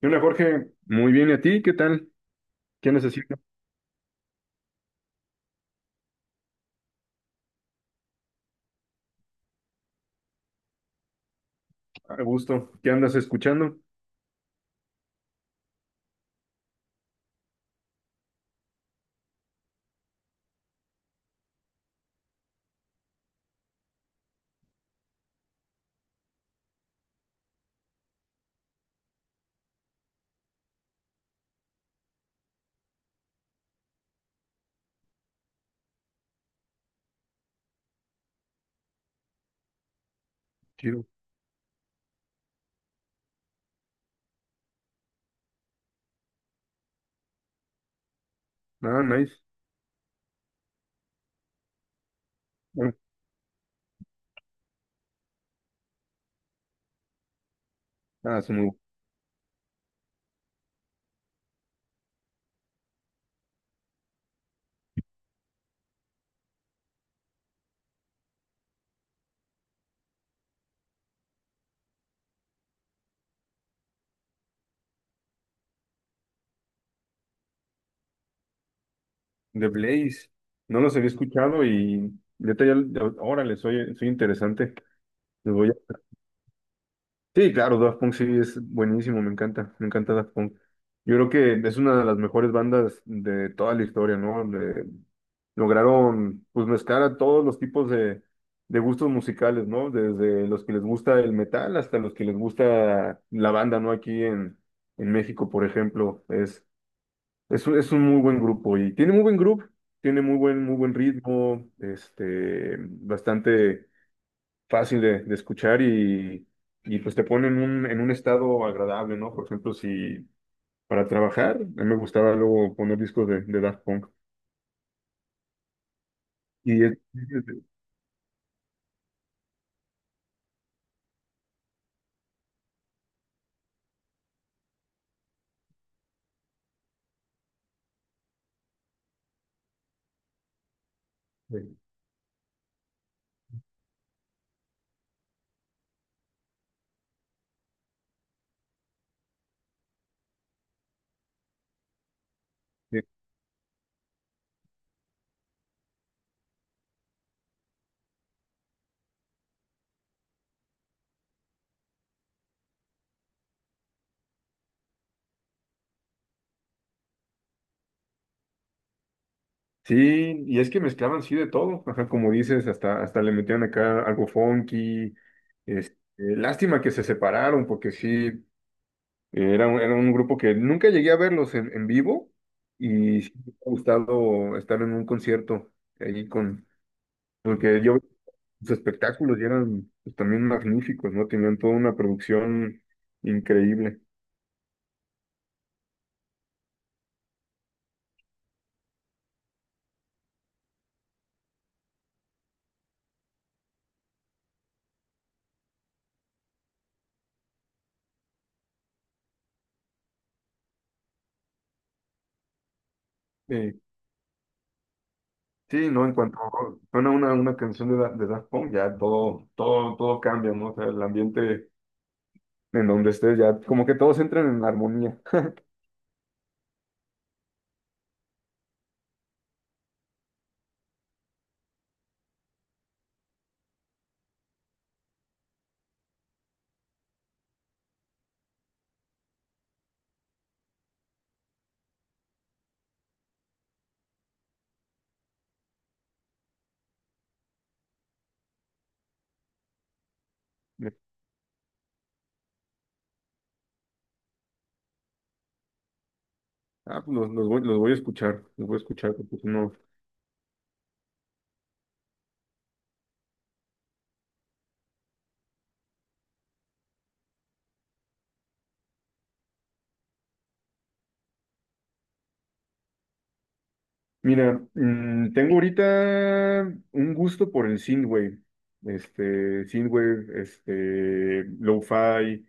¿Qué onda, Jorge? Muy bien, ¿y a ti? ¿Qué tal? ¿Qué necesitas? A gusto. ¿Qué andas escuchando? Chido. Ah, nice. Bueno, ah, su mu- The Blaze. No los había escuchado y neta, órale, soy interesante. Los voy a- Sí, claro, Daft Punk sí es buenísimo, me encanta Daft Punk. Yo creo que es una de las mejores bandas de toda la historia, ¿no? Lograron pues mezclar a todos los tipos de gustos musicales, ¿no? Desde los que les gusta el metal hasta los que les gusta la banda, ¿no? Aquí en México, por ejemplo, es un muy buen grupo y tiene muy buen grupo, tiene muy buen ritmo, este, bastante fácil de escuchar y pues te pone en un estado agradable, ¿no? Por ejemplo, si... Para trabajar, a mí me gustaba luego poner discos de Daft Punk. Y es- Sí, y es que mezclaban sí de todo, ajá, como dices, hasta, hasta le metían acá algo funky, este, lástima que se separaron, porque sí, era un grupo que nunca llegué a verlos en vivo, y sí me ha gustado estar en un concierto ahí con, porque yo sus espectáculos y eran pues, también magníficos, ¿no? Tenían toda una producción increíble. Eh, sí, ¿no? En cuanto suena una canción de Daft Punk, ya todo, todo, todo cambia, ¿no? O sea, el ambiente en donde estés ya, como que todos entran en armonía. Ah, pues los voy a escuchar, los voy a escuchar, porque pues no. Mira, tengo ahorita un gusto por el synthwave, este, lo-fi,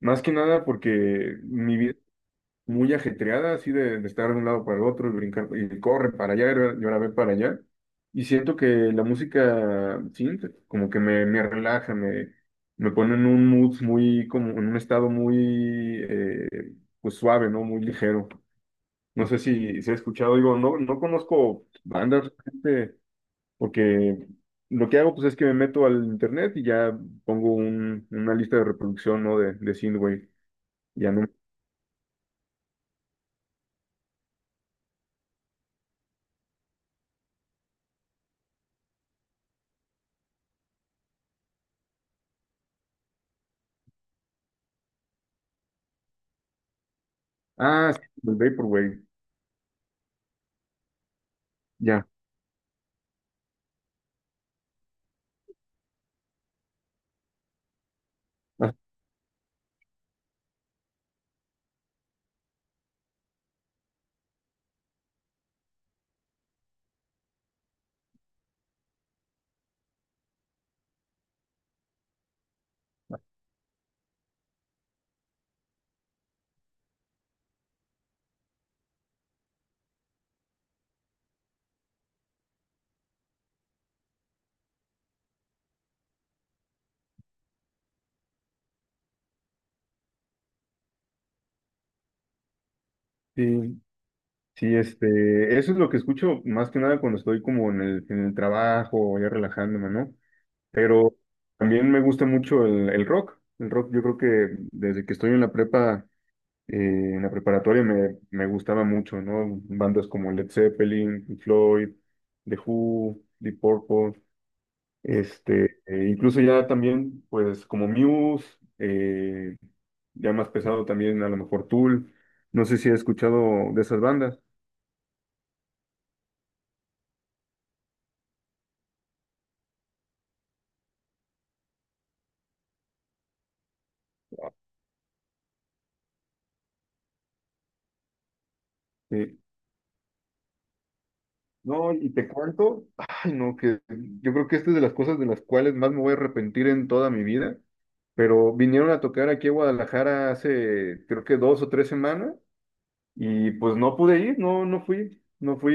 más que nada porque mi vida muy ajetreada, así de estar de un lado para el otro y brincar, y corre para allá, y ahora ve para allá. Y siento que la música synth como que me relaja, me pone en un mood muy, como en un estado muy, pues suave, ¿no? Muy ligero. No sé si, si he escuchado, digo, no, no conozco bandas, realmente, porque lo que hago pues es que me meto al internet y ya una lista de reproducción, ¿no? De Synthwave. Ya no. Ah, sí, el Vaporwave. Ya. Sí, sí, este, eso es lo que escucho más que nada cuando estoy como en el trabajo, ya relajándome, ¿no? Pero también me gusta mucho el rock. El rock, yo creo que desde que estoy en la prepa, eh, en la preparatoria me, me gustaba mucho, ¿no? Bandas como Led Zeppelin, Pink Floyd, The Who, Deep Purple, este, e incluso ya también, pues como Muse, eh, ya más pesado también a lo mejor Tool. No sé si has escuchado de esas bandas. Sí. No, y te cuento, ay, no, que yo creo que esta es de las cosas de las cuales más me voy a arrepentir en toda mi vida, pero vinieron a tocar aquí a Guadalajara hace, creo que dos o tres semanas, y pues no pude ir, no, no fui, no fui,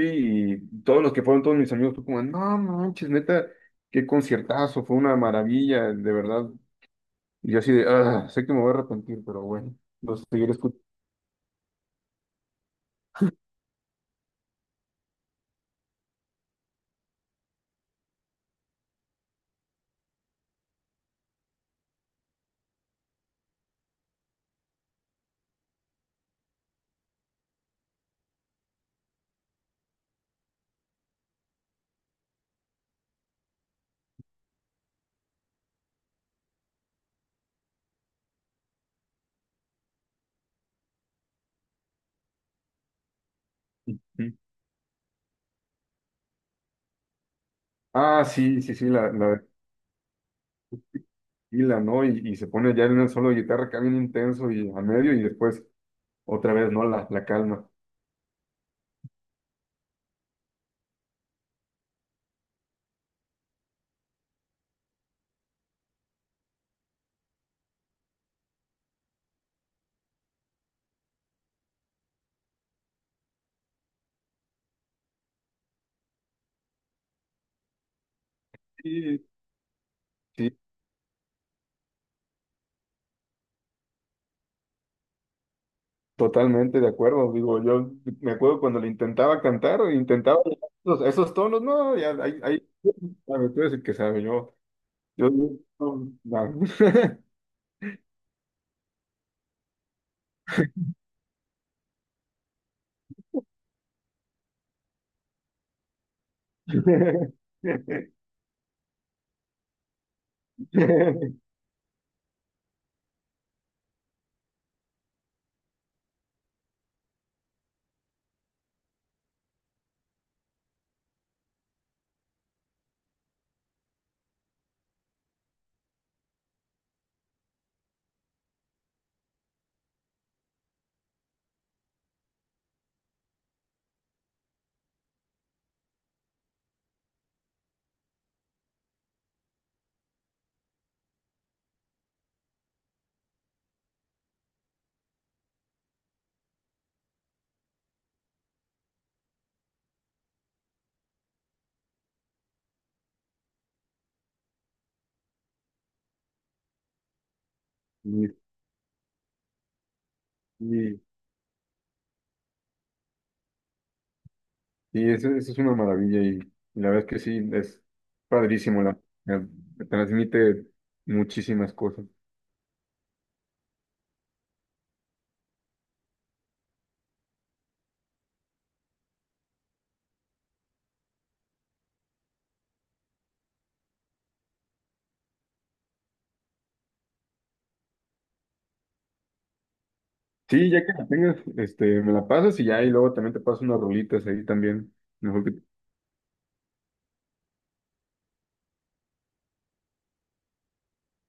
y todos los que fueron, todos mis amigos, fue como, no manches, neta, qué conciertazo, fue una maravilla, de verdad, y yo así de, ah, sé que me voy a arrepentir, pero bueno, los seguiré escuchando. Ah, sí, sí, sí, la y la, ¿no? Y se pone ya en un solo de guitarra acá bien intenso y a medio y después otra vez, ¿no? La calma. Sí, sí, totalmente de acuerdo. Digo, yo me acuerdo cuando le intentaba cantar, intentaba esos, esos tonos, no, ya, ahí, ahí, sabe, tú eres el que sabe, yo, no, no. Y, y, y eso, eso es una maravilla y la verdad es que sí, es padrísimo, la, me me transmite muchísimas cosas. Sí, ya que la tengas, este, me la pasas y ya, y luego también te paso unas rolitas ahí también. Mejor que...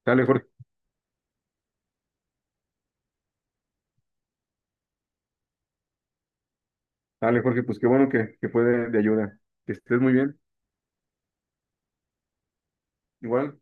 Dale, Jorge. Dale, Jorge, pues qué bueno que fue de ayuda. Que estés muy bien. Igual.